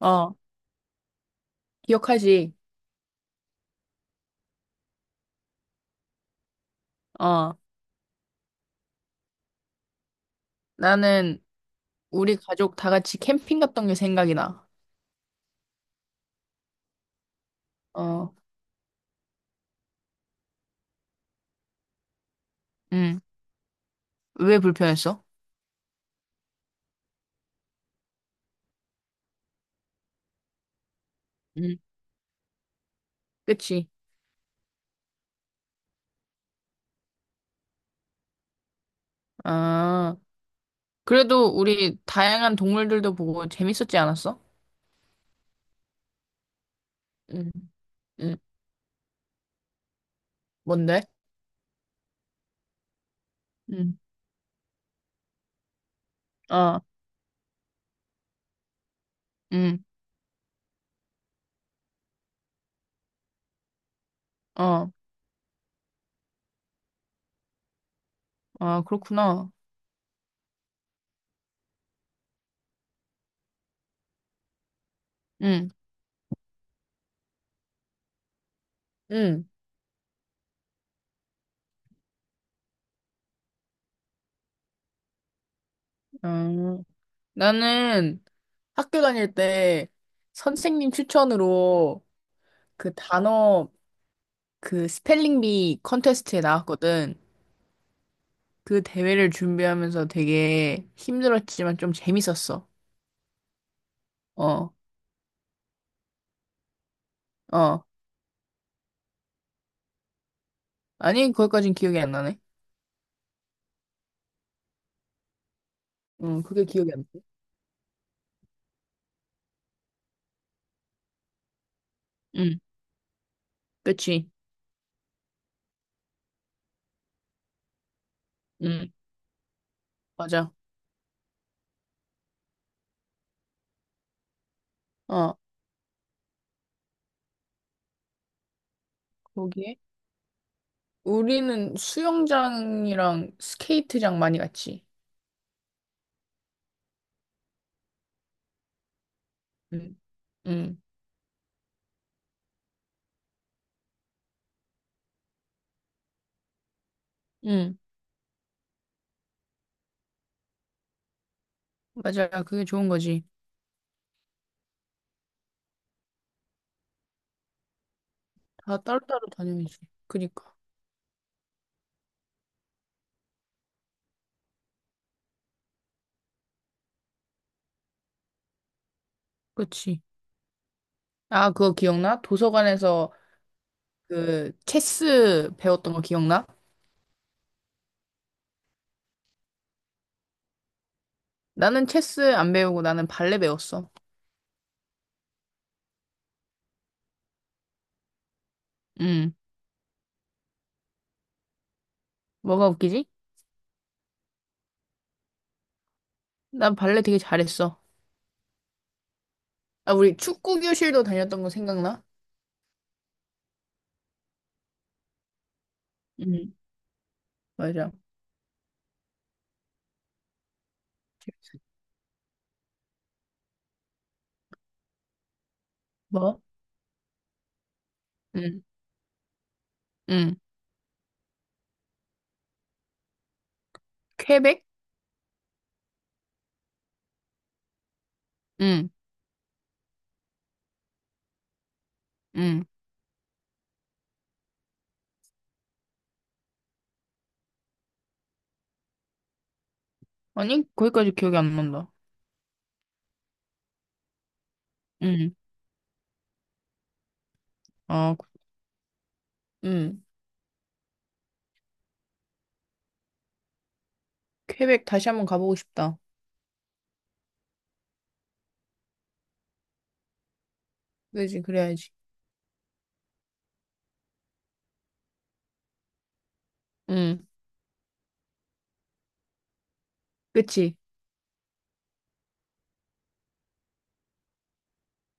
어, 기억하지? 어, 나는 우리 가족 다 같이 캠핑 갔던 게 생각이 나. 어, 응. 왜 불편했어? 응. 그치. 아, 그래도 우리 다양한 동물들도 보고 재밌었지 않았어? 응, 응. 뭔데? 응, 어, 응, 어, 아, 그렇구나. 응, 응, 어. 나는 학교 다닐 때 선생님 추천으로 그 단어 그 스펠링 비 컨테스트에 나왔거든. 그 대회를 준비하면서 되게 힘들었지만 좀 재밌었어. 어, 어. 아니, 거기까진 기억이 안 나네. 응, 그게 기억이 안 나. 응, 그치. 응, 맞아. 어, 거기에. 우리는 수영장이랑 스케이트장 많이 갔지. 응, 응, 응. 맞아. 그게 좋은 거지. 다 따로따로 다녀야지. 그니까. 그치. 아, 그거 기억나? 도서관에서 그 체스 배웠던 거 기억나? 나는 체스 안 배우고 나는 발레 배웠어. 응. 뭐가 웃기지? 난 발레 되게 잘했어. 아, 우리 축구 교실도 다녔던 거 생각나? 응, 맞아. 뭐? 응, 응. 퀘벡? 응, 응. 아니, 거기까지 기억이 안 난다. 응, 아, 응. 퀘벡 다시 한번 가보고 싶다. 그지, 그래야지. 응, 그치.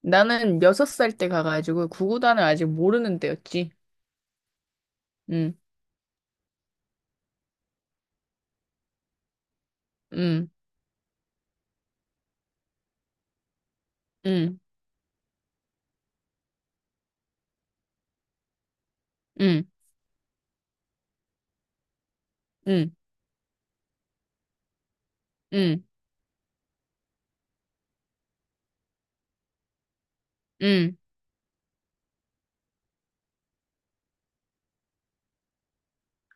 나는 여섯 살 때 가가지고 구구단을 아직 모르는 때였지. 응, 응, 응, 응, 응, 응, 응.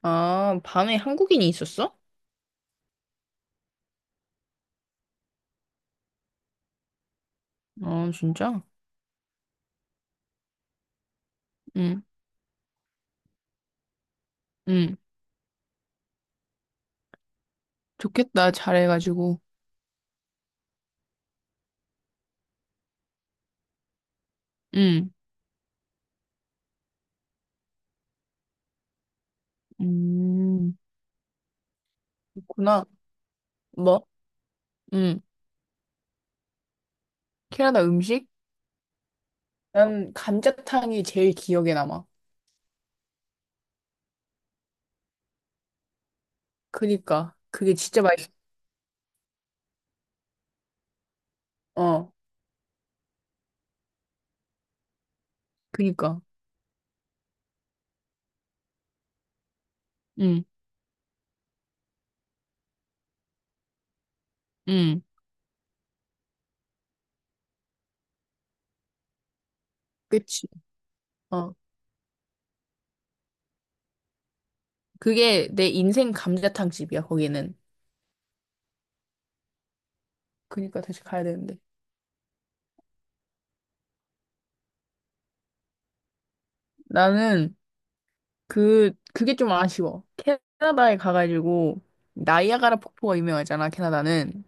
아, 반에 한국인이 있었어? 아, 진짜? 응, 응. 좋겠다. 잘해가지고. 응. 음, 그렇구나. 뭐? 응. 캐나다 음식? 난 감자탕이 제일 기억에 남아. 그니까. 그게 진짜 맛있어. 어. 그니까. 응. 응. 그치. 어. 그게 내 인생 감자탕 집이야, 거기는. 그니까 다시 가야 되는데. 나는 그게 좀 아쉬워. 캐나다에 가가지고, 나이아가라 폭포가 유명하잖아, 캐나다는.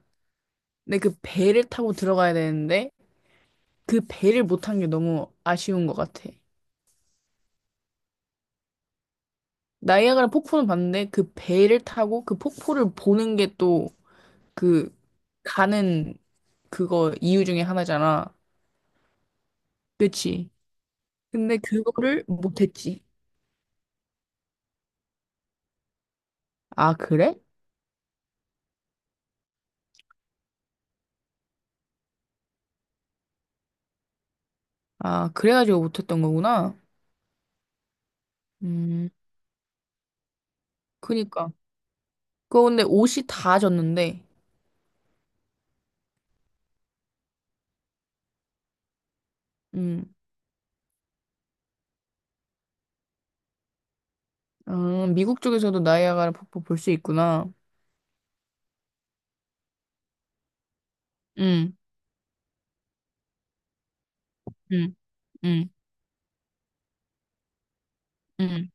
근데 그 배를 타고 들어가야 되는데, 그 배를 못 탄 게 너무 아쉬운 것 같아. 나이아가라 폭포는 봤는데 그 배를 타고 그 폭포를 보는 게 또 그 가는 그거 이유 중에 하나잖아. 그치? 근데 그거를 못했지. 아, 그래? 아, 그래가지고 못했던 거구나. 음, 그니까. 그거 근데 옷이 다 졌는데. 음, 아, 미국 쪽에서도 나이아가라 폭포 볼 수 있구나. 음, 음, 음, 음.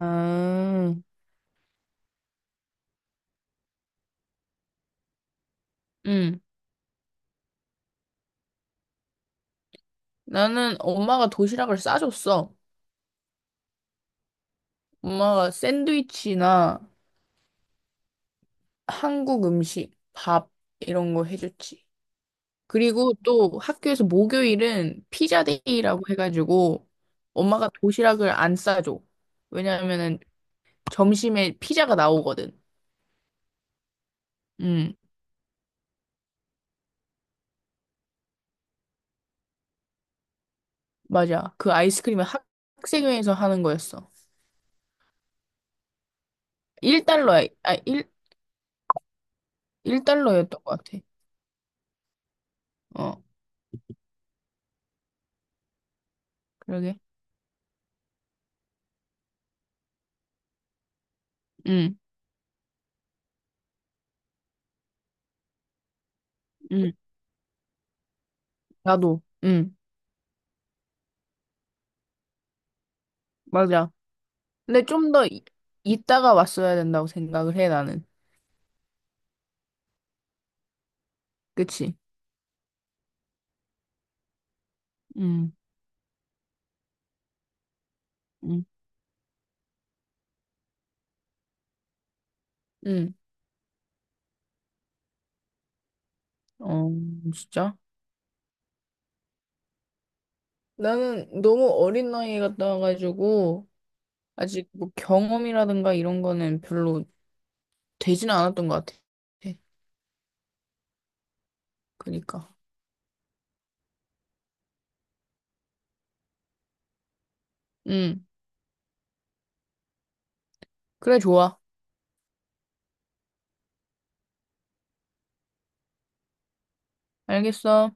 아, 음. 나는 엄마가 도시락을 싸줬어. 엄마가 샌드위치나 한국 음식, 밥 이런 거 해줬지. 그리고 또 학교에서 목요일은 피자데이라고 해가지고 엄마가 도시락을 안 싸줘. 왜냐하면은 점심에 피자가 나오거든. 응 맞아. 학생회에서 하는 거였어. 1달러야. 아, 일 1달러였던 것 같아. 어, 그러게. 응, 응. 나도. 응, 맞아. 근데 좀 더 이따가 왔어야 된다고 생각을 해, 나는. 그치? 음, 음, 응. 어, 진짜? 나는 너무 어린 나이에 갔다 와가지고, 아직 뭐 경험이라든가 이런 거는 별로 되지는 않았던 것 같아. 그니까. 응. 그래, 좋아. 알겠어.